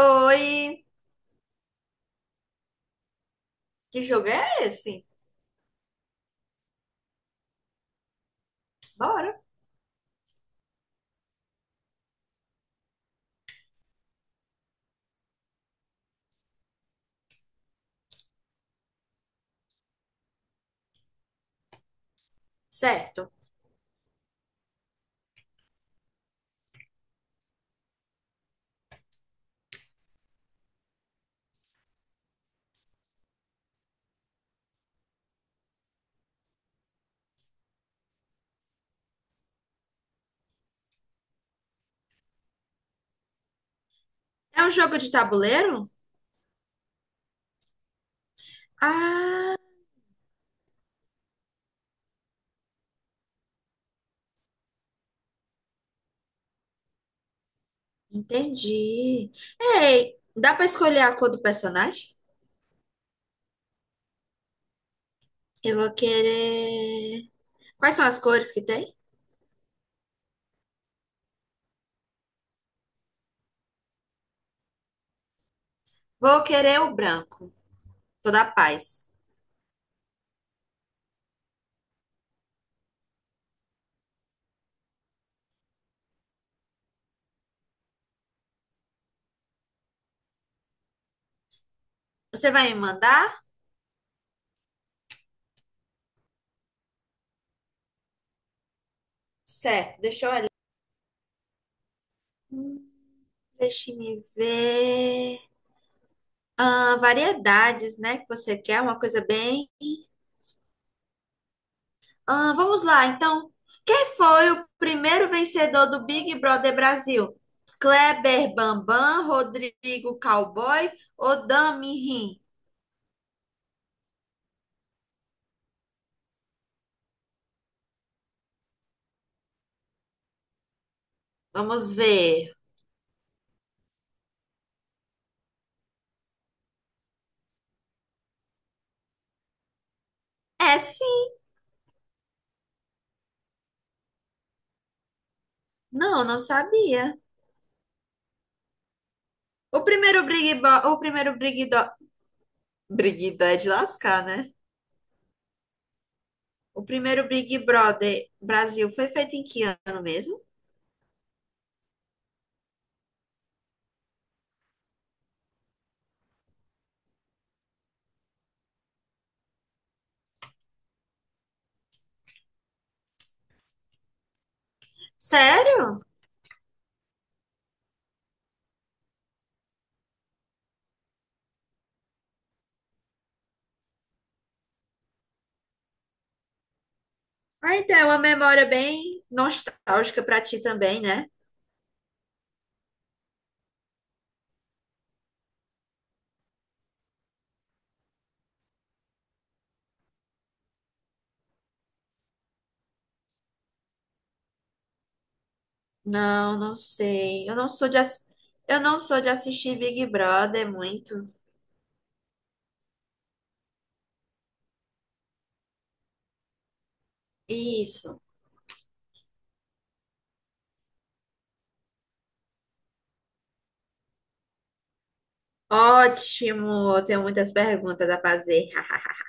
Oi, que jogo é esse? Bora. Certo. É um jogo de tabuleiro? Ah, entendi. Ei, dá pra escolher a cor do personagem? Eu vou querer. Quais são as cores que tem? Vou querer o branco. Toda a paz. Você vai me mandar? Certo, deixa eu olhar. Hum, deixa eu me ver. Ah, variedades, né? Que você quer, uma coisa bem. Ah, vamos lá, então. Quem foi o primeiro vencedor do Big Brother Brasil? Kleber Bambam, Rodrigo Cowboy ou Dami Rim? Vamos ver. É, sim. Não, não sabia. O primeiro o primeiro Big Do... Big Do é de lascar, né? O primeiro Big Brother Brasil foi feito em que ano mesmo? Sério? Ah, então é uma memória bem nostálgica pra ti também, né? Não, não sei. Eu não sou de assistir Big Brother muito. Isso. Ótimo. Eu tenho muitas perguntas a fazer.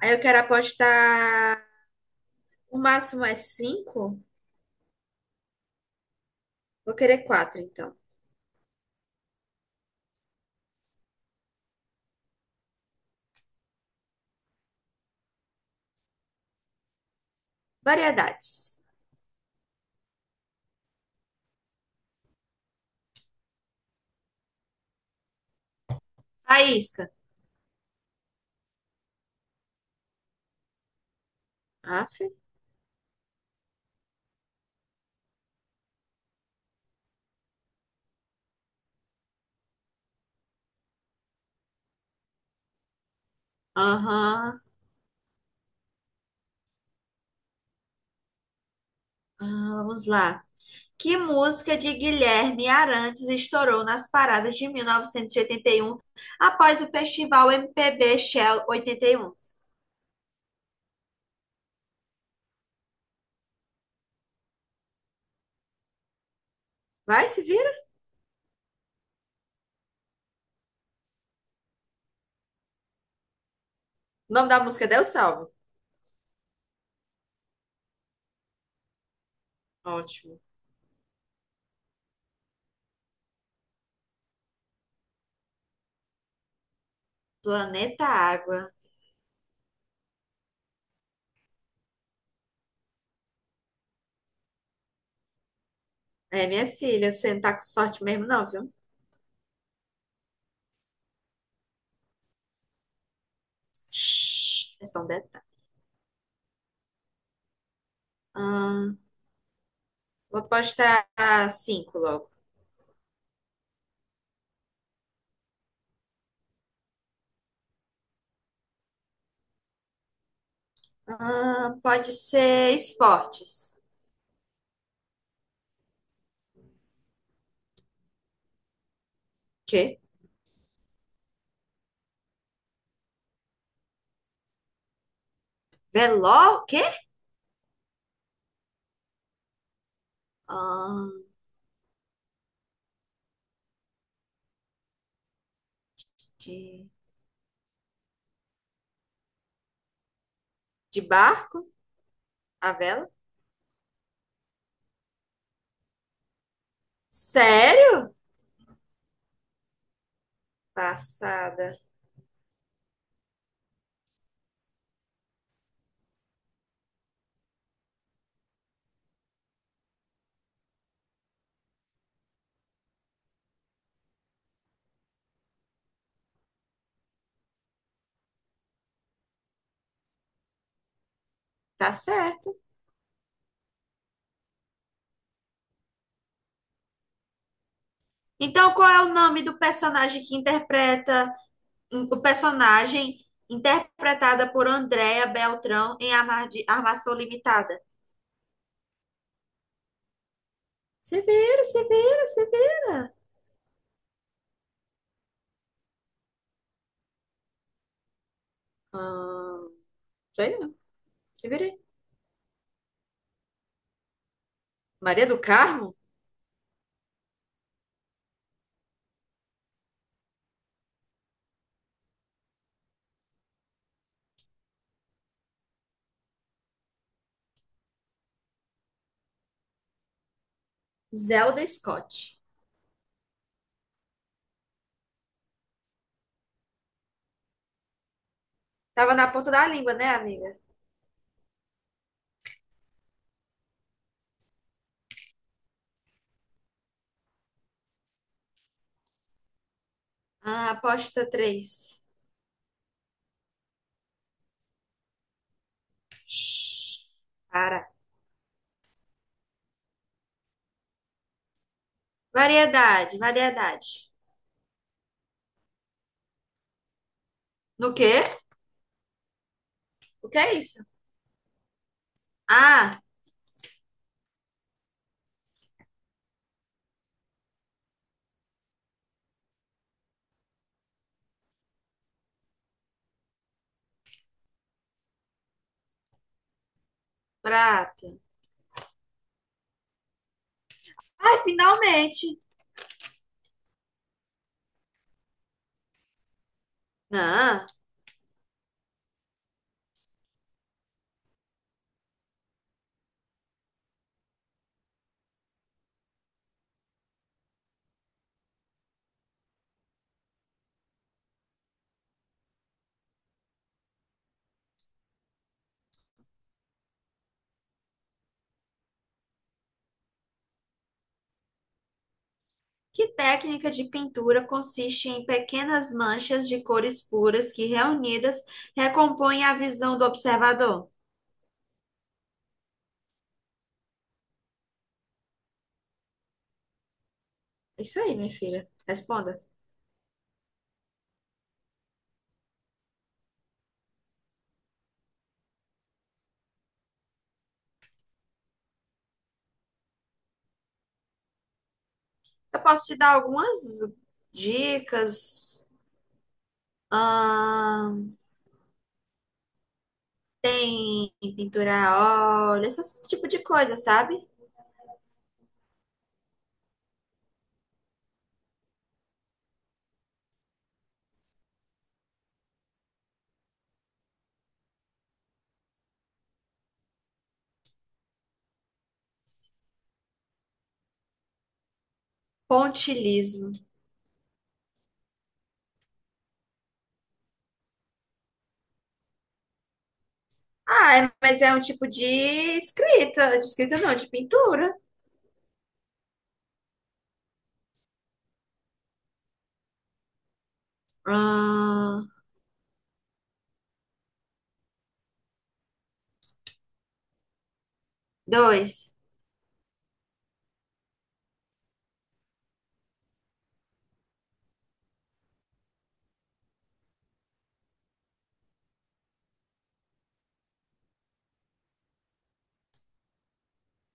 Aí eu quero apostar. O máximo é cinco? Vou querer quatro, então. Variedades. Faísca. Aff. Aham. Ah, vamos lá. Que música de Guilherme Arantes estourou nas paradas de 1981 após o festival MPB Shell 81? Vai, se O nome da música é Deus Salve. Ótimo. Planeta Água. É, minha filha, você não tá com sorte mesmo, não, viu? Shhh, é só um detalhe. Ahn, vou apostar cinco logo. Pode ser esportes. Quê? Veló? Quê? Ahn, de, de barco? A vela? Sério? Passada. Tá certo. Então, qual é o nome do personagem que interpreta o personagem interpretada por Andréa Beltrão em Armação Limitada. Severa, Severa, Severa. Ah, sei não. Se virei. Maria do Carmo? Zelda Scott. Tava na ponta da língua, né, amiga? Ah, aposta 3. Para. Variedade, variedade. No quê? O que é isso? Ah, prata. Ah, finalmente. Não. Que técnica de pintura consiste em pequenas manchas de cores puras que, reunidas, recompõem a visão do observador? É isso aí, minha filha. Responda. Eu posso te dar algumas dicas. Ahn, tem pintura a óleo, esse tipo de coisa, sabe? Pontilismo. Ah, é- mas é um tipo de escrita. De escrita não, de pintura. Ahn, dois.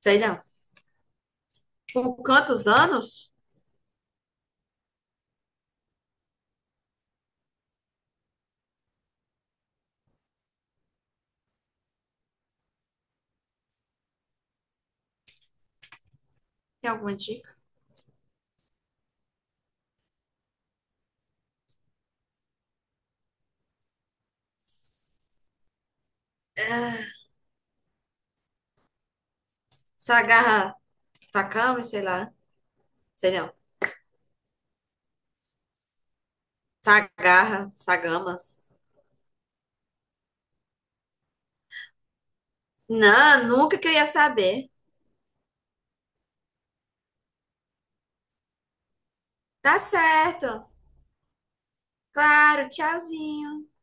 Sei não. Vulcã dos anos? Tem alguma dica? Ah, Sagarra Takami, sei lá. Sei não. Sagarra, Sagamas. Não, nunca que eu ia saber. Tá certo. Claro, tchauzinho.